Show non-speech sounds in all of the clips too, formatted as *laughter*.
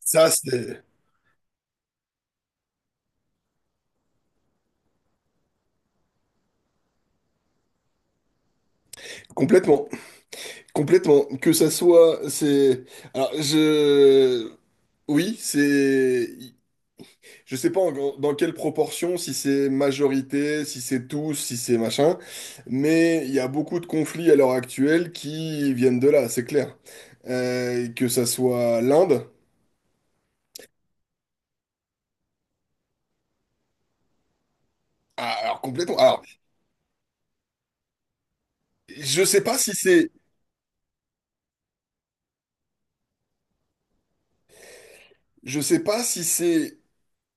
Ça, c'est complètement, complètement. Que ça soit, c'est. Alors, je. Oui, c'est. Je sais pas dans quelle proportion, si c'est majorité, si c'est tous, si c'est machin, mais il y a beaucoup de conflits à l'heure actuelle qui viennent de là, c'est clair. Que ça soit l'Inde, ah, alors complètement. Alors, je sais pas si c'est, je sais pas si c'est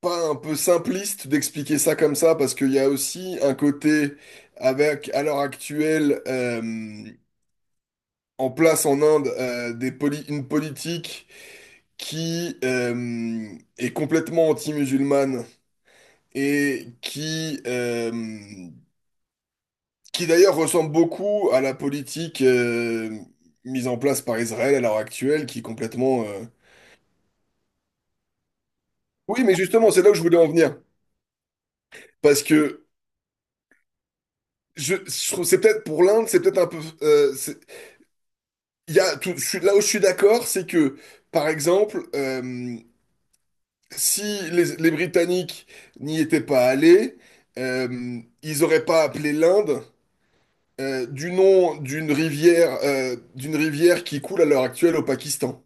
pas un peu simpliste d'expliquer ça comme ça, parce qu'il y a aussi un côté avec, à l'heure actuelle, en place en Inde, une politique qui est complètement anti-musulmane et qui d'ailleurs ressemble beaucoup à la politique mise en place par Israël à l'heure actuelle, qui est complètement... Oui, mais justement, c'est là où je voulais en venir, parce que... Je c'est peut-être pour l'Inde, c'est peut-être un peu, Il y a là où je suis d'accord, c'est que, par exemple, si les Britanniques n'y étaient pas allés, ils n'auraient pas appelé l'Inde du nom d'une rivière qui coule à l'heure actuelle au Pakistan.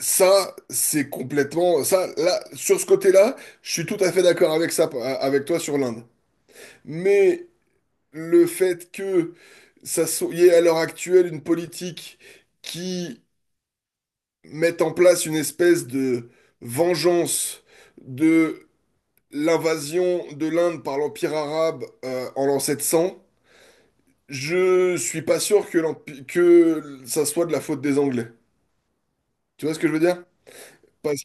Ça, c'est complètement... Ça, là, sur ce côté-là, je suis tout à fait d'accord avec ça, avec toi sur l'Inde. Mais le fait que ça soit, il y ait à l'heure actuelle une politique qui mettent en place une espèce de vengeance de l'invasion de l'Inde par l'Empire arabe en l'an 700. Je suis pas sûr que, que ça soit de la faute des Anglais. Tu vois ce que je veux dire? Parce-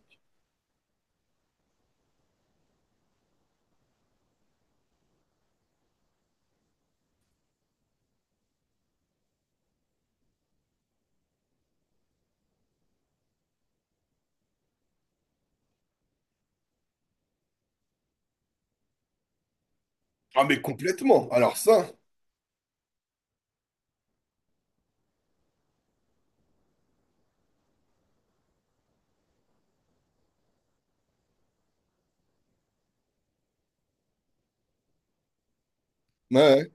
Ah, mais complètement. Alors ça, ouais, ouais.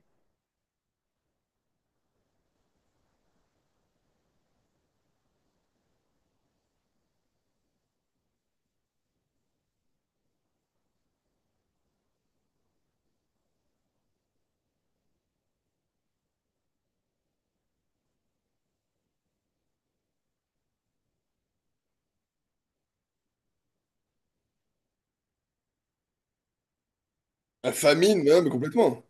La famine, ouais, mais complètement.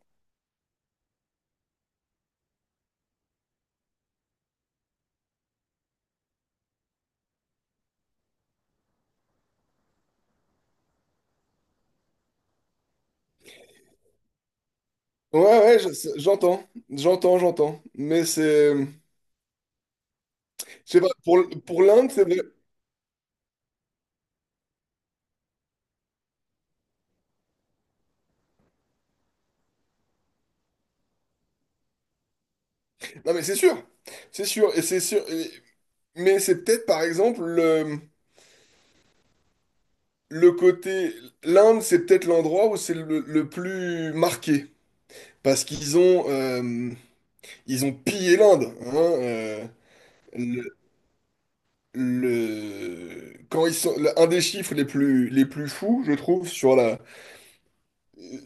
Ouais, ouais, j'entends, j'entends. Mais c'est, je sais pas, pour, pour l'Inde, c'est vrai. Non, mais c'est sûr, c'est sûr. Et- Mais c'est peut-être par exemple le côté. L'Inde, c'est peut-être l'endroit où c'est le plus marqué. Parce qu'ils ont, ils ont pillé l'Inde, hein, le, quand ils sont... Un des chiffres les plus fous, je trouve, sur la...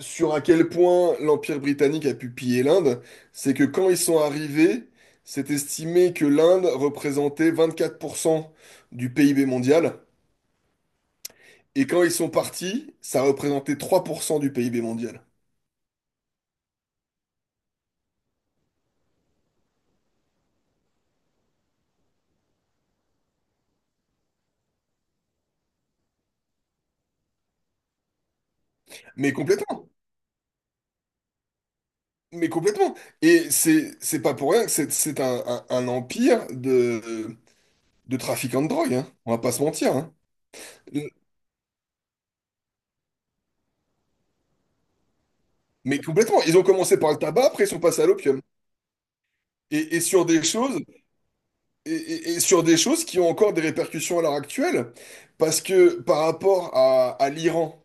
sur à quel point l'Empire britannique a pu piller l'Inde, c'est que quand ils sont arrivés, c'est estimé que l'Inde représentait 24% du PIB mondial. Et quand ils sont partis, ça représentait 3% du PIB mondial. Mais complètement. Mais complètement. Et c'est pas pour rien que c'est un, un empire de trafiquants de drogue, hein. On va pas se mentir, hein. Mais complètement. Ils ont commencé par le tabac, après ils sont passés à l'opium. Et sur des choses, et sur des choses qui ont encore des répercussions à l'heure actuelle. Parce que par rapport à l'Iran,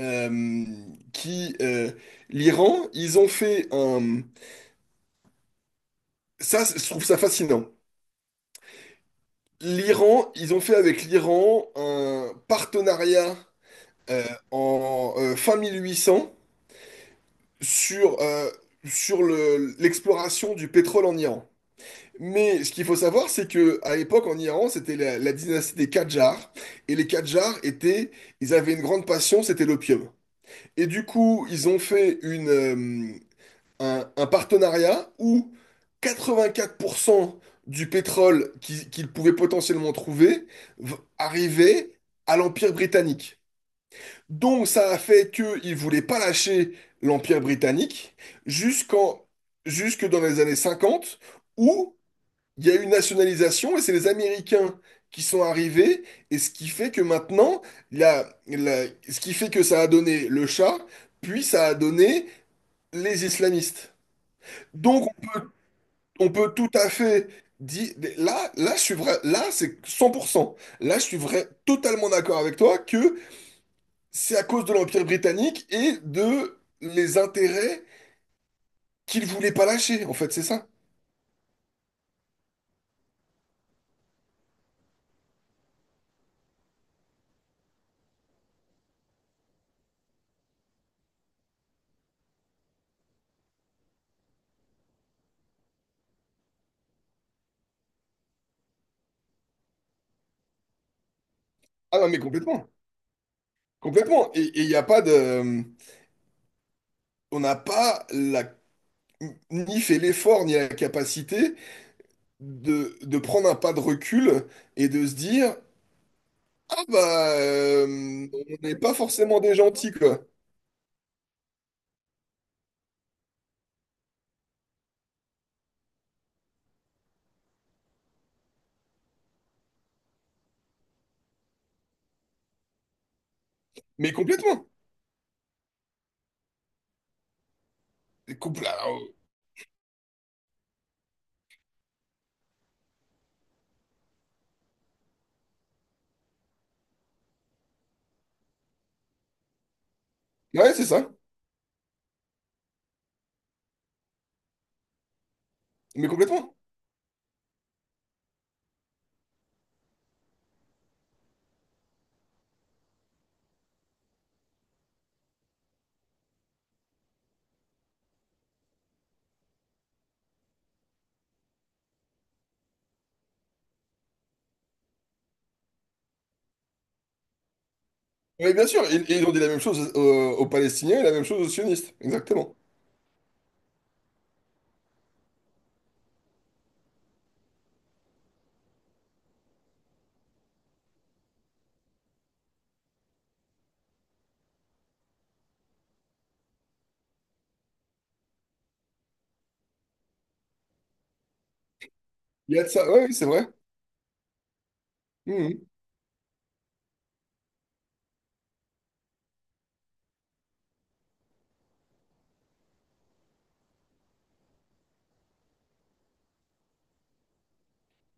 euh, qui l'Iran, ils ont fait un. Ça, je trouve ça fascinant. L'Iran, ils ont fait avec l'Iran un partenariat euh, en fin 1800 sur, sur l'exploration du pétrole en Iran. Mais ce qu'il faut savoir, c'est que à l'époque en Iran, c'était la dynastie des Qajars, et les Qajars étaient, ils avaient une grande passion, c'était l'opium. Et du coup, ils ont fait une, un partenariat où 84% du pétrole qu'ils pouvaient potentiellement trouver arrivait à l'Empire britannique. Donc ça a fait qu'ils ne voulaient pas lâcher l'Empire britannique jusqu'en, jusque dans les années 50, où il y a eu une nationalisation et c'est les Américains qui sont arrivés, et ce qui fait que maintenant, ce qui fait que ça a donné le chat, puis ça a donné les islamistes. Donc on peut tout à fait dire, là, là, je suis vrai, là, c'est 100%. Là, je suis vrai, totalement d'accord avec toi que c'est à cause de l'Empire britannique et de les intérêts qu'ils voulaient pas lâcher, en fait, c'est ça. Ah non, mais complètement. Complètement. Et il n'y a pas de... on n'a pas la... ni fait l'effort, ni la capacité de prendre un pas de recul et de se dire, ah bah, on n'est pas forcément des gentils, quoi. Mais complètement. Ah, ouais, c'est ça. Mais complètement. Oui, bien sûr. Et ils ont dit la même chose aux, aux Palestiniens et la même chose aux sionistes. Exactement. Il y a de ça. Ouais, oui, c'est vrai. Mmh.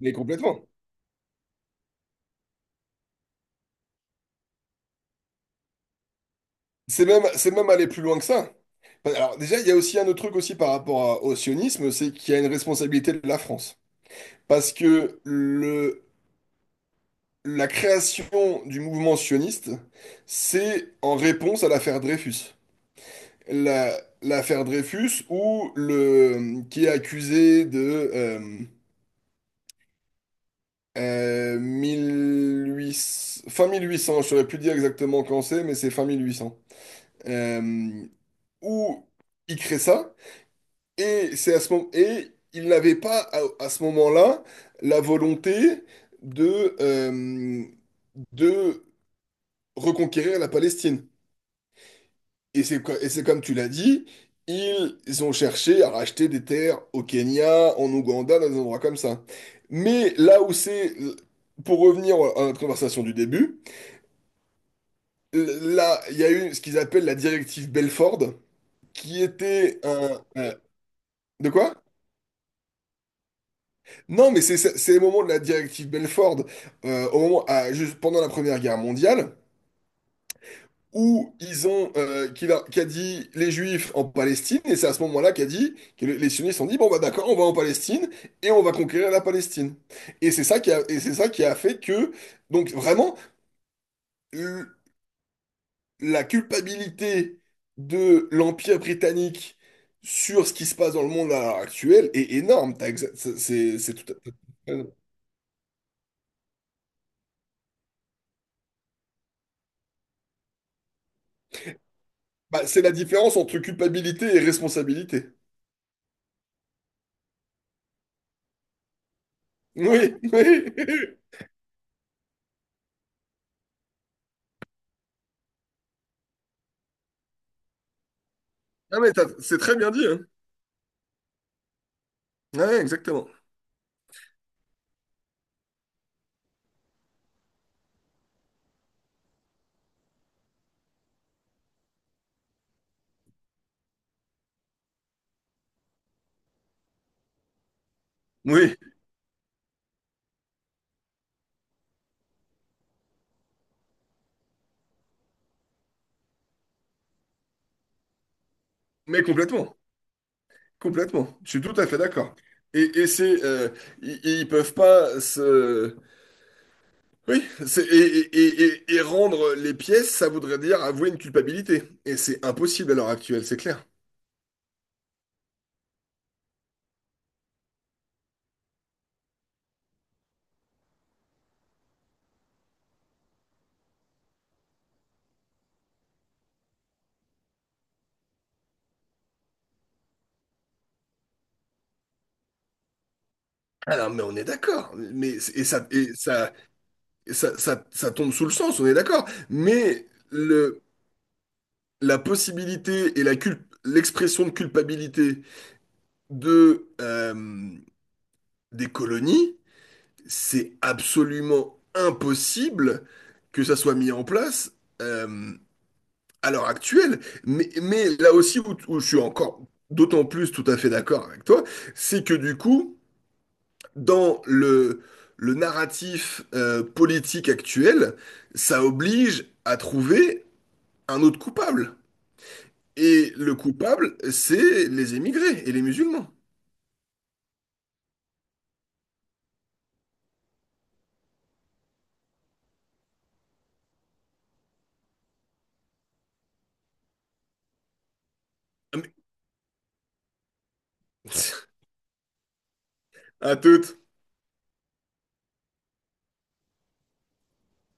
Mais complètement. C'est même aller plus loin que ça. Alors déjà, il y a aussi un autre truc aussi par rapport au sionisme, c'est qu'il y a une responsabilité de la France. Parce que le, la création du mouvement sioniste, c'est en réponse à l'affaire Dreyfus. L'affaire Dreyfus, où le, qui est accusé de 1800 fin 1800, je ne saurais plus dire exactement quand c'est, mais c'est fin 1800. Euh, Où il crée ça. Et c'est à ce moment et il n'avait pas à, à ce moment-là la volonté de euh, de reconquérir la Palestine. Et et c'est comme tu l'as dit, ils ont cherché à racheter des terres au Kenya, en Ouganda, dans des endroits comme ça. Mais là où c'est pour revenir à notre conversation du début, là, il y a eu ce qu'ils appellent la directive Belford, qui était un- De quoi? Non, mais c'est les moments de la directive Belford au moment, à- juste pendant la Première Guerre mondiale où ils ont qu'il a, qu'a dit les Juifs en Palestine et c'est à ce moment-là qu'a dit que les sionistes ont dit bon bah d'accord, on va en Palestine et on va conquérir la Palestine et c'est ça qui a et c'est ça qui a fait que donc vraiment le- la culpabilité de l'Empire britannique sur ce qui se passe dans le monde à l'heure actuelle est énorme. T'as c'est c'est tout à fait. Bah, c'est la différence entre culpabilité et responsabilité. Oui, oui. *laughs* Ah, mais c'est très bien dit, hein. Ouais, exactement. Oui, mais complètement. Complètement. Je suis tout à fait d'accord. Et c'est. Ils, ils peuvent pas se. Oui, c'est, et rendre les pièces, ça voudrait dire avouer une culpabilité. Et c'est impossible à l'heure actuelle, c'est clair. Alors, mais on est d'accord. Mais et ça, et ça, et ça, ça, ça tombe sous le sens, on est d'accord. Mais le, la possibilité et l'expression de culpabilité de, euh, des colonies, c'est absolument impossible que ça soit mis en place euh, à l'heure actuelle. Mais là aussi où, où je suis encore d'autant plus tout à fait d'accord avec toi, c'est que du coup, dans le narratif politique actuel, ça oblige à trouver un autre coupable. Et le coupable, c'est les émigrés et les musulmans. Ah, mais- *laughs* À toutes.